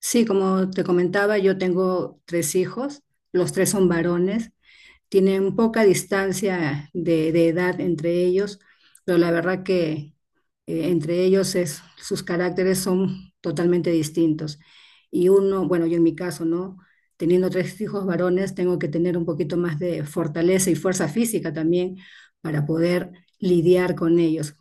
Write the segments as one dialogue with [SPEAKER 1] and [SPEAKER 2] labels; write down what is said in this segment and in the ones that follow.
[SPEAKER 1] Sí, como te comentaba, yo tengo tres hijos, los tres son varones, tienen poca distancia de edad entre ellos, pero la verdad que entre ellos es, sus caracteres son totalmente distintos. Y uno, bueno, yo en mi caso, ¿no? Teniendo tres hijos varones, tengo que tener un poquito más de fortaleza y fuerza física también para poder lidiar con ellos.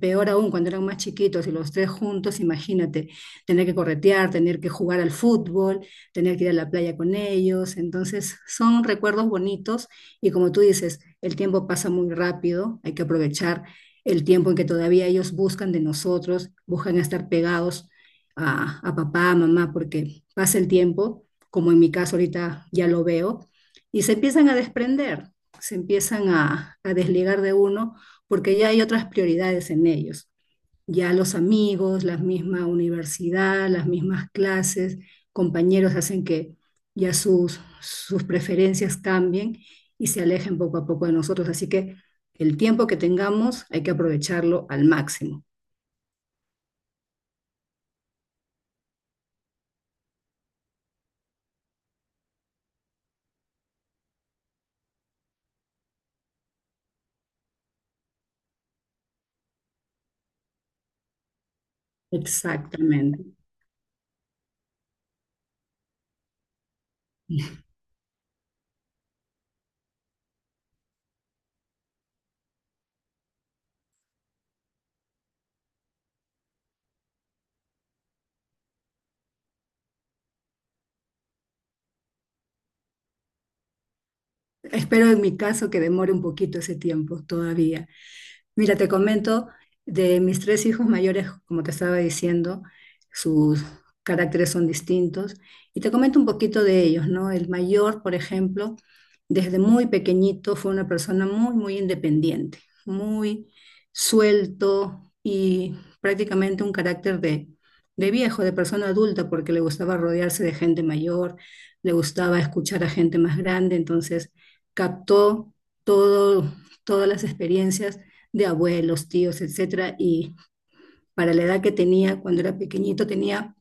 [SPEAKER 1] Peor aún, cuando eran más chiquitos y los tres juntos, imagínate, tener que corretear, tener que jugar al fútbol, tener que ir a la playa con ellos. Entonces, son recuerdos bonitos y como tú dices, el tiempo pasa muy rápido, hay que aprovechar el tiempo en que todavía ellos buscan de nosotros, buscan estar pegados a papá, a mamá, porque pasa el tiempo, como en mi caso ahorita ya lo veo, y se empiezan a desprender, se empiezan a desligar de uno porque ya hay otras prioridades en ellos ya los amigos, la misma universidad, las mismas clases, compañeros hacen que ya sus preferencias cambien y se alejen poco a poco de nosotros. Así que el tiempo que tengamos hay que aprovecharlo al máximo. Exactamente. Espero en mi caso que demore un poquito ese tiempo todavía. Mira, te comento de mis tres hijos mayores, como te estaba diciendo, sus caracteres son distintos y te comento un poquito de ellos, ¿no? El mayor, por ejemplo, desde muy pequeñito fue una persona muy, muy independiente, muy suelto y prácticamente un carácter de viejo, de persona adulta, porque le gustaba rodearse de gente mayor, le gustaba escuchar a gente más grande, entonces captó todo, todas las experiencias de abuelos, tíos, etcétera, y para la edad que tenía cuando era pequeñito tenía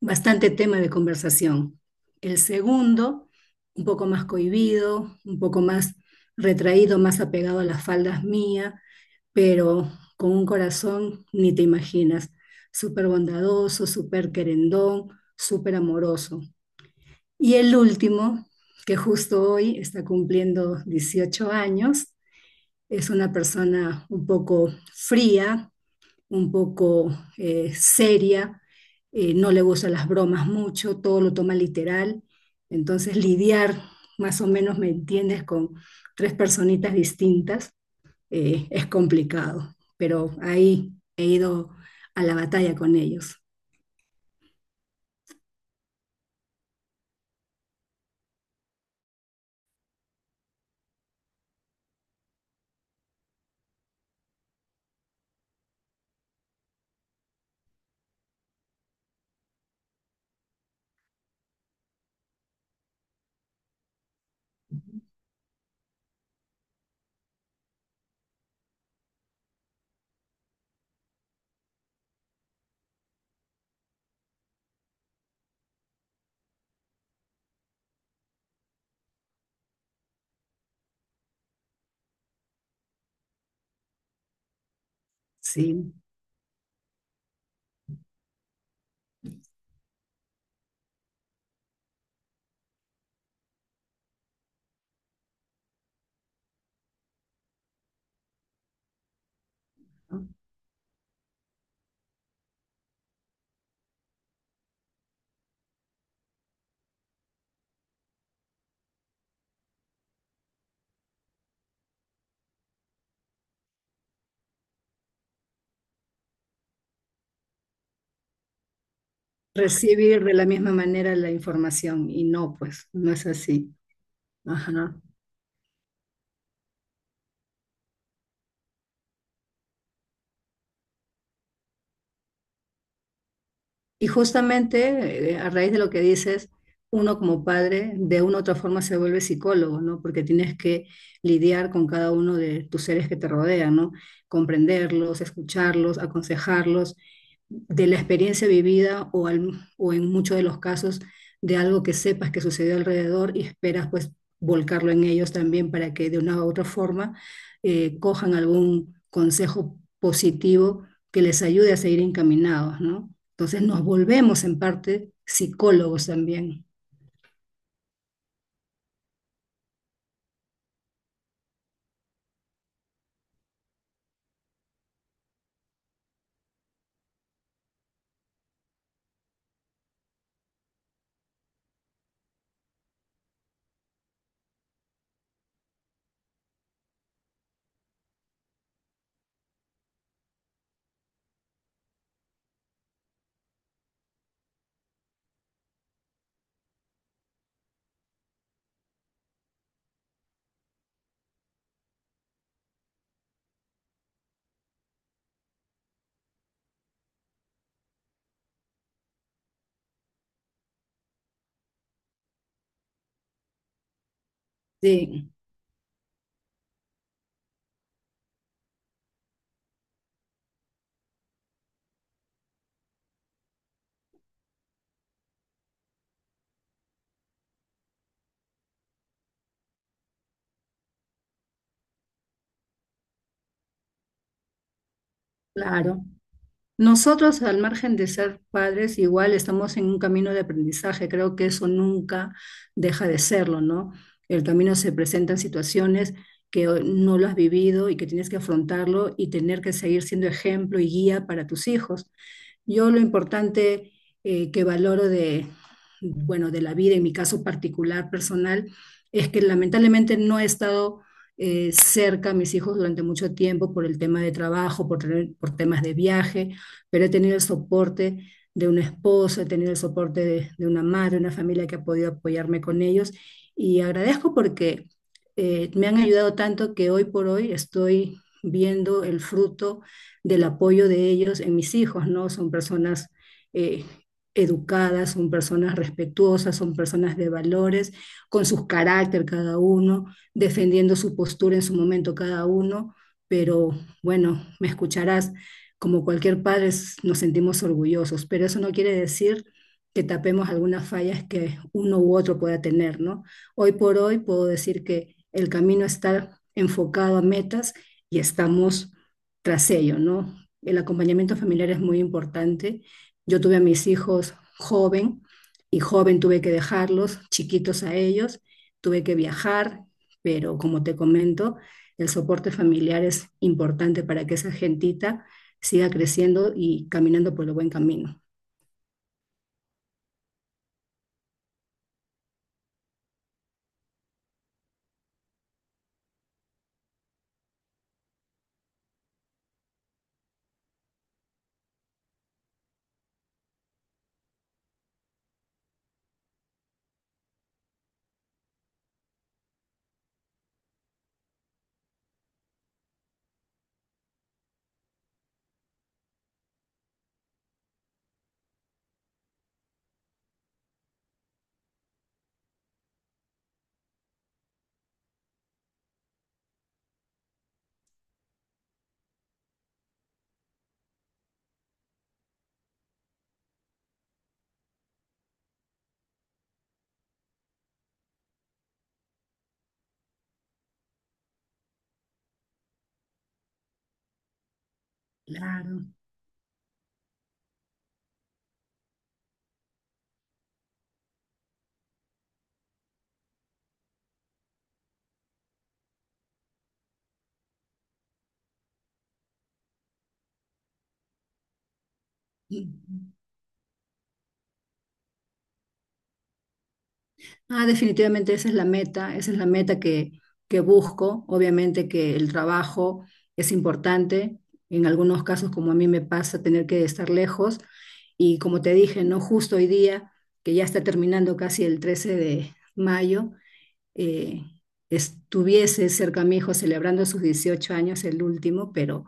[SPEAKER 1] bastante tema de conversación. El segundo, un poco más cohibido, un poco más retraído, más apegado a las faldas mías, pero con un corazón ni te imaginas, súper bondadoso, súper querendón, súper amoroso. Y el último, que justo hoy está cumpliendo 18 años, es una persona un poco fría, un poco seria, no le gustan las bromas mucho, todo lo toma literal. Entonces lidiar, más o menos, ¿me entiendes?, con tres personitas distintas es complicado, pero ahí he ido a la batalla con ellos, sí. ¿No? Recibir de la misma manera la información y no, pues no es así. Ajá. Y justamente a raíz de lo que dices, uno como padre de una u otra forma se vuelve psicólogo, ¿no? Porque tienes que lidiar con cada uno de tus seres que te rodean, ¿no? Comprenderlos, escucharlos, aconsejarlos de la experiencia vivida o, o en muchos de los casos de algo que sepas que sucedió alrededor y esperas pues volcarlo en ellos también para que de una u otra forma cojan algún consejo positivo que les ayude a seguir encaminados, ¿no? Entonces nos volvemos en parte psicólogos también. Sí, claro. Nosotros, al margen de ser padres, igual estamos en un camino de aprendizaje. Creo que eso nunca deja de serlo, ¿no? El camino se presentan situaciones que no lo has vivido y que tienes que afrontarlo y tener que seguir siendo ejemplo y guía para tus hijos. Yo lo importante que valoro de, bueno, de la vida, en mi caso particular, personal, es que lamentablemente no he estado cerca a mis hijos durante mucho tiempo por el tema de trabajo, por, por temas de viaje, pero he tenido el soporte de un esposo, he tenido el soporte de una madre, una familia que ha podido apoyarme con ellos y agradezco porque me han ayudado tanto que hoy por hoy estoy viendo el fruto del apoyo de ellos en mis hijos, ¿no? Son personas eh, educadas, son personas respetuosas, son personas de valores, con sus carácter cada uno, defendiendo su postura en su momento cada uno, pero bueno, me escucharás, como cualquier padre nos sentimos orgullosos, pero eso no quiere decir que tapemos algunas fallas que uno u otro pueda tener, ¿no? Hoy por hoy puedo decir que el camino está enfocado a metas y estamos tras ello, ¿no? El acompañamiento familiar es muy importante. Yo tuve a mis hijos joven y joven tuve que dejarlos, chiquitos a ellos, tuve que viajar, pero como te comento, el soporte familiar es importante para que esa gentita siga creciendo y caminando por el buen camino. Claro. Ah, definitivamente esa es la meta, esa es la meta que busco. Obviamente que el trabajo es importante, en algunos casos como a mí me pasa tener que estar lejos y como te dije, no justo hoy día, que ya está terminando casi el 13 de mayo, eh, estuviese cerca a mi hijo celebrando sus 18 años, el último, pero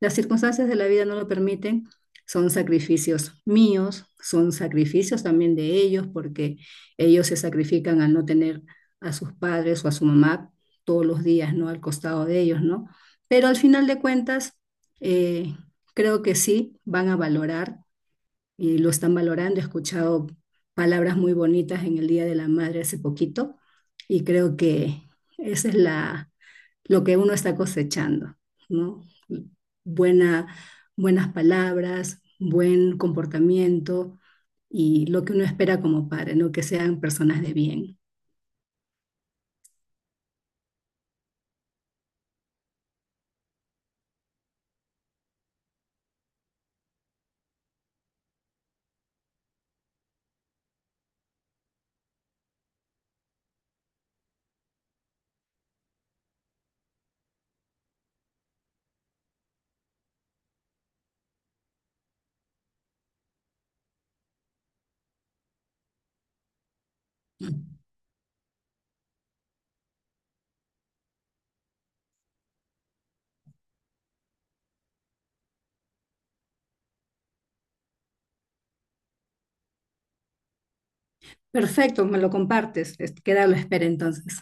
[SPEAKER 1] las circunstancias de la vida no lo permiten. Son sacrificios míos, son sacrificios también de ellos, porque ellos se sacrifican al no tener a sus padres o a su mamá todos los días, ¿no? Al costado de ellos, ¿no? Pero al final de cuentas, eh, creo que sí van a valorar y lo están valorando. He escuchado palabras muy bonitas en el Día de la Madre hace poquito y creo que esa es la, lo que uno está cosechando, ¿no? Buena, buenas palabras, buen comportamiento y lo que uno espera como padre, ¿no? Que sean personas de bien. Perfecto, me lo compartes. Queda a la espera entonces.